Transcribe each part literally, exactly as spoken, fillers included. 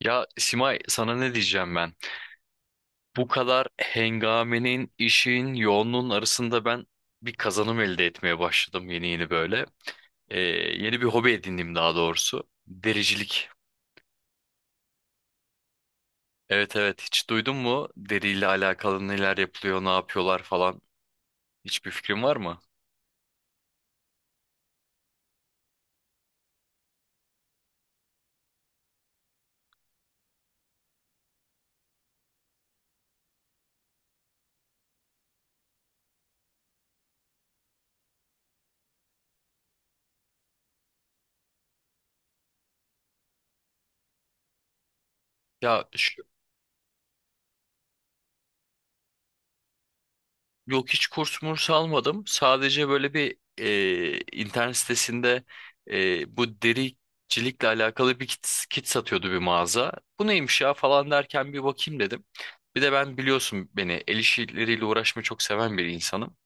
Ya Simay, sana ne diyeceğim ben? Bu kadar hengamenin, işin, yoğunluğun arasında ben bir kazanım elde etmeye başladım yeni yeni böyle. Ee, Yeni bir hobi edindim daha doğrusu. Dericilik. Evet evet, hiç duydun mu? Deriyle alakalı neler yapılıyor, ne yapıyorlar falan. Hiçbir fikrin var mı? Ya, yok hiç kurs murs almadım. Sadece böyle bir e, internet sitesinde e, bu dericilikle alakalı bir kit, kit satıyordu bir mağaza. Bu neymiş ya falan derken bir bakayım dedim. Bir de ben biliyorsun beni el işleriyle uğraşmayı çok seven bir insanım.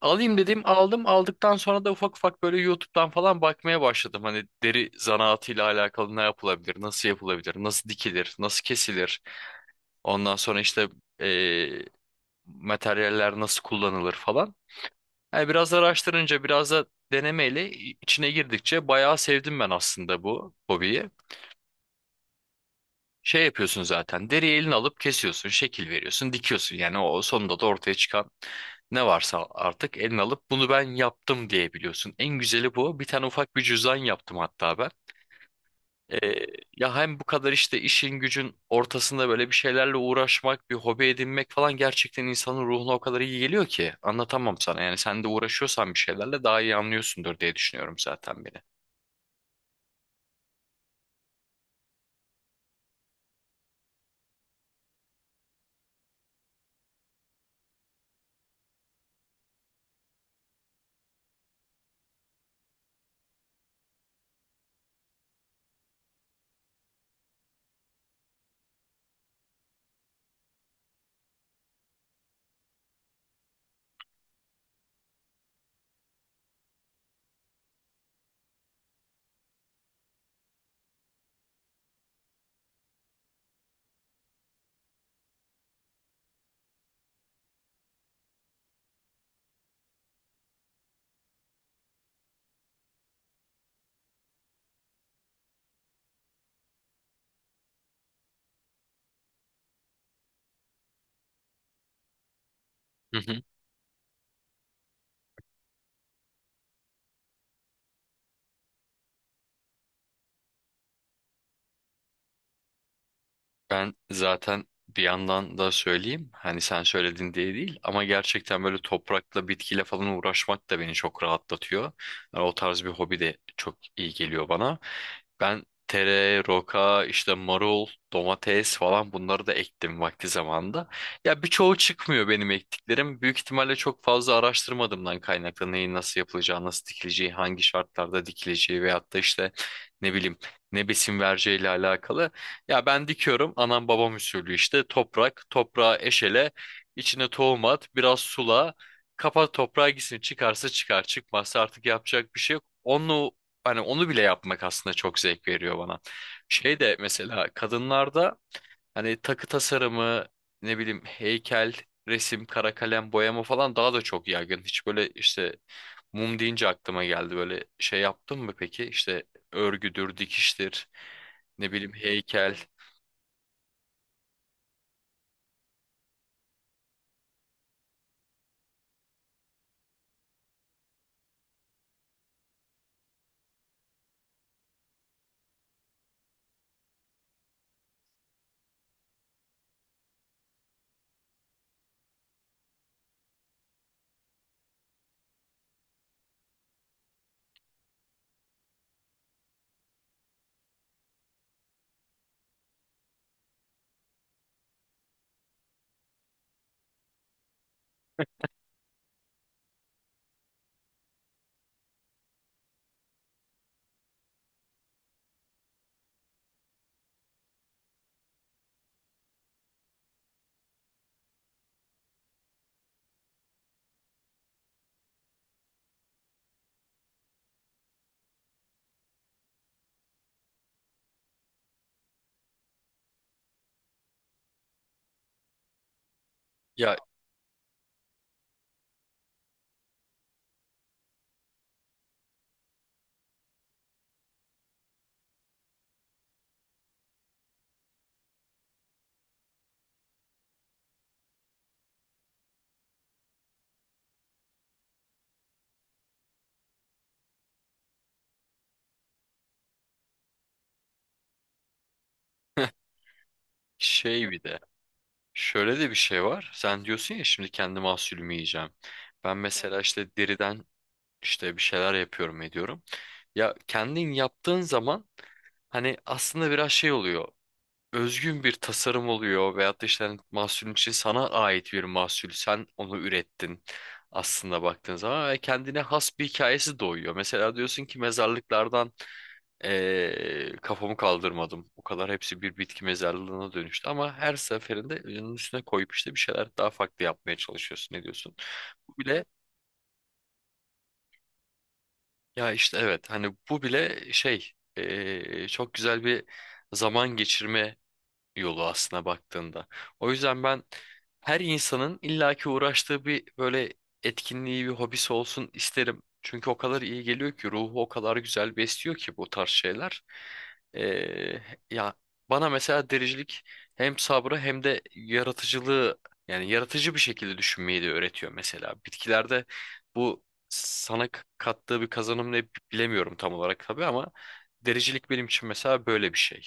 Alayım dedim, aldım. Aldıktan sonra da ufak ufak böyle YouTube'dan falan bakmaya başladım. Hani deri zanaatıyla alakalı ne yapılabilir, nasıl yapılabilir, nasıl dikilir, nasıl kesilir. Ondan sonra işte e, materyaller nasıl kullanılır falan. Yani biraz araştırınca, biraz da denemeyle içine girdikçe bayağı sevdim ben aslında bu hobiyi. Şey yapıyorsun zaten, deriyi eline alıp kesiyorsun, şekil veriyorsun, dikiyorsun. Yani o sonunda da ortaya çıkan ne varsa artık eline alıp bunu ben yaptım diyebiliyorsun. En güzeli bu. Bir tane ufak bir cüzdan yaptım hatta ben. Ee, Ya hem bu kadar işte işin gücün ortasında böyle bir şeylerle uğraşmak, bir hobi edinmek falan gerçekten insanın ruhuna o kadar iyi geliyor ki anlatamam sana. Yani sen de uğraşıyorsan bir şeylerle daha iyi anlıyorsundur diye düşünüyorum zaten beni. Ben zaten bir yandan da söyleyeyim hani sen söyledin diye değil ama gerçekten böyle toprakla bitkiyle falan uğraşmak da beni çok rahatlatıyor. Yani o tarz bir hobi de çok iyi geliyor bana. Ben tere, roka, işte marul, domates falan bunları da ektim vakti zamanında. Ya birçoğu çıkmıyor benim ektiklerim. Büyük ihtimalle çok fazla araştırmadığımdan kaynaklı neyin nasıl yapılacağı, nasıl dikileceği, hangi şartlarda dikileceği veyahut da işte ne bileyim ne besin vereceğiyle alakalı. Ya ben dikiyorum anam babam usulü, işte toprak toprağa, eşele içine tohum at, biraz sula, kapat toprağa gitsin, çıkarsa çıkar çıkmazsa artık yapacak bir şey yok. Onu, hani onu bile yapmak aslında çok zevk veriyor bana. Şey de mesela kadınlarda hani takı tasarımı, ne bileyim heykel, resim, kara kalem, boyama falan daha da çok yaygın. Hiç böyle işte, mum deyince aklıma geldi, böyle şey yaptın mı peki? İşte örgüdür, dikiştir, ne bileyim heykel. Ya, şey bir de, şöyle de bir şey var. Sen diyorsun ya şimdi kendi mahsulümü yiyeceğim. Ben mesela işte deriden işte bir şeyler yapıyorum ediyorum. Ya kendin yaptığın zaman hani aslında biraz şey oluyor. Özgün bir tasarım oluyor veyahut da işte hani mahsulün, için sana ait bir mahsul. Sen onu ürettin aslında baktığın zaman ve kendine has bir hikayesi doğuyor. Mesela diyorsun ki mezarlıklardan ee, kafamı kaldırmadım. O kadar hepsi bir bitki mezarlığına dönüştü ama her seferinde onun üstüne koyup işte bir şeyler daha farklı yapmaya çalışıyorsun. Ne diyorsun? Bu bile, ya işte evet hani bu bile şey, ee, çok güzel bir zaman geçirme yolu aslına baktığında. O yüzden ben her insanın illaki uğraştığı bir böyle etkinliği, bir hobisi olsun isterim. Çünkü o kadar iyi geliyor ki, ruhu o kadar güzel besliyor ki bu tarz şeyler. Ee, Ya bana mesela dericilik hem sabrı hem de yaratıcılığı, yani yaratıcı bir şekilde düşünmeyi de öğretiyor mesela. Bitkilerde bu sana k- kattığı bir kazanım ne bilemiyorum tam olarak tabii ama dericilik benim için mesela böyle bir şey.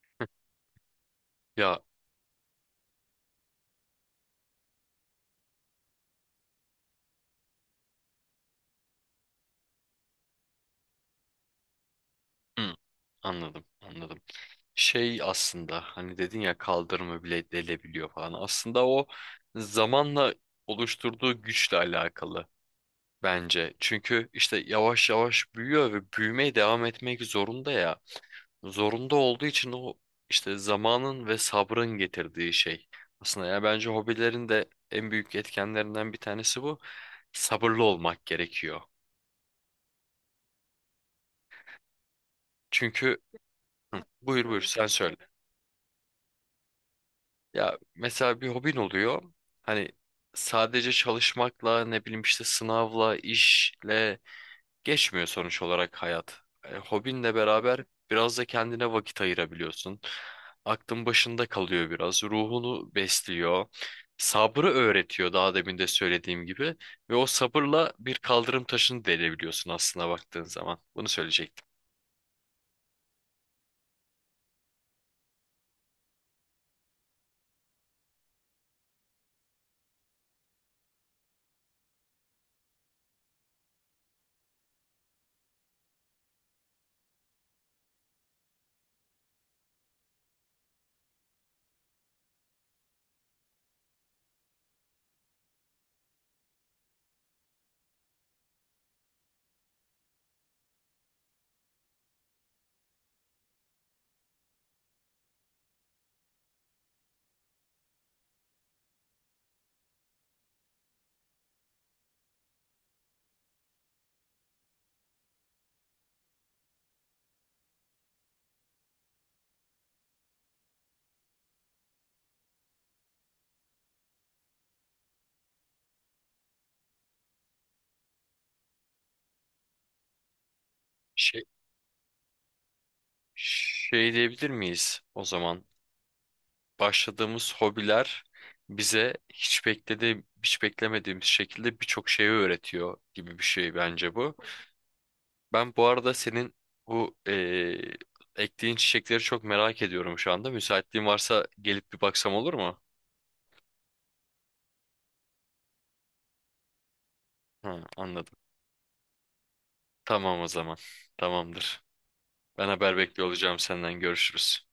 Ya, hı, anladım, anladım. Şey, aslında hani dedin ya kaldırımı bile delebiliyor falan. Aslında o zamanla oluşturduğu güçle alakalı bence. Çünkü işte yavaş yavaş büyüyor ve büyümeye devam etmek zorunda ya. Zorunda olduğu için o işte zamanın ve sabrın getirdiği şey. Aslında ya bence hobilerin de en büyük etkenlerinden bir tanesi bu. Sabırlı olmak gerekiyor. Çünkü, buyur buyur sen söyle. Ya mesela bir hobin oluyor. Hani sadece çalışmakla ne bileyim işte sınavla, işle geçmiyor sonuç olarak hayat. E, hobinle beraber biraz da kendine vakit ayırabiliyorsun. Aklın başında kalıyor biraz. Ruhunu besliyor. Sabrı öğretiyor daha demin de söylediğim gibi. Ve o sabırla bir kaldırım taşını delebiliyorsun aslında baktığın zaman. Bunu söyleyecektim. Şey, şey diyebilir miyiz o zaman? Başladığımız hobiler bize hiç beklediğim, hiç beklemediğimiz şekilde birçok şeyi öğretiyor gibi bir şey bence bu. Ben bu arada senin bu eee ektiğin çiçekleri çok merak ediyorum şu anda. Müsaitliğin varsa gelip bir baksam olur mu? Ha, anladım. Tamam o zaman. Tamamdır. Ben haber bekliyor olacağım senden. Görüşürüz.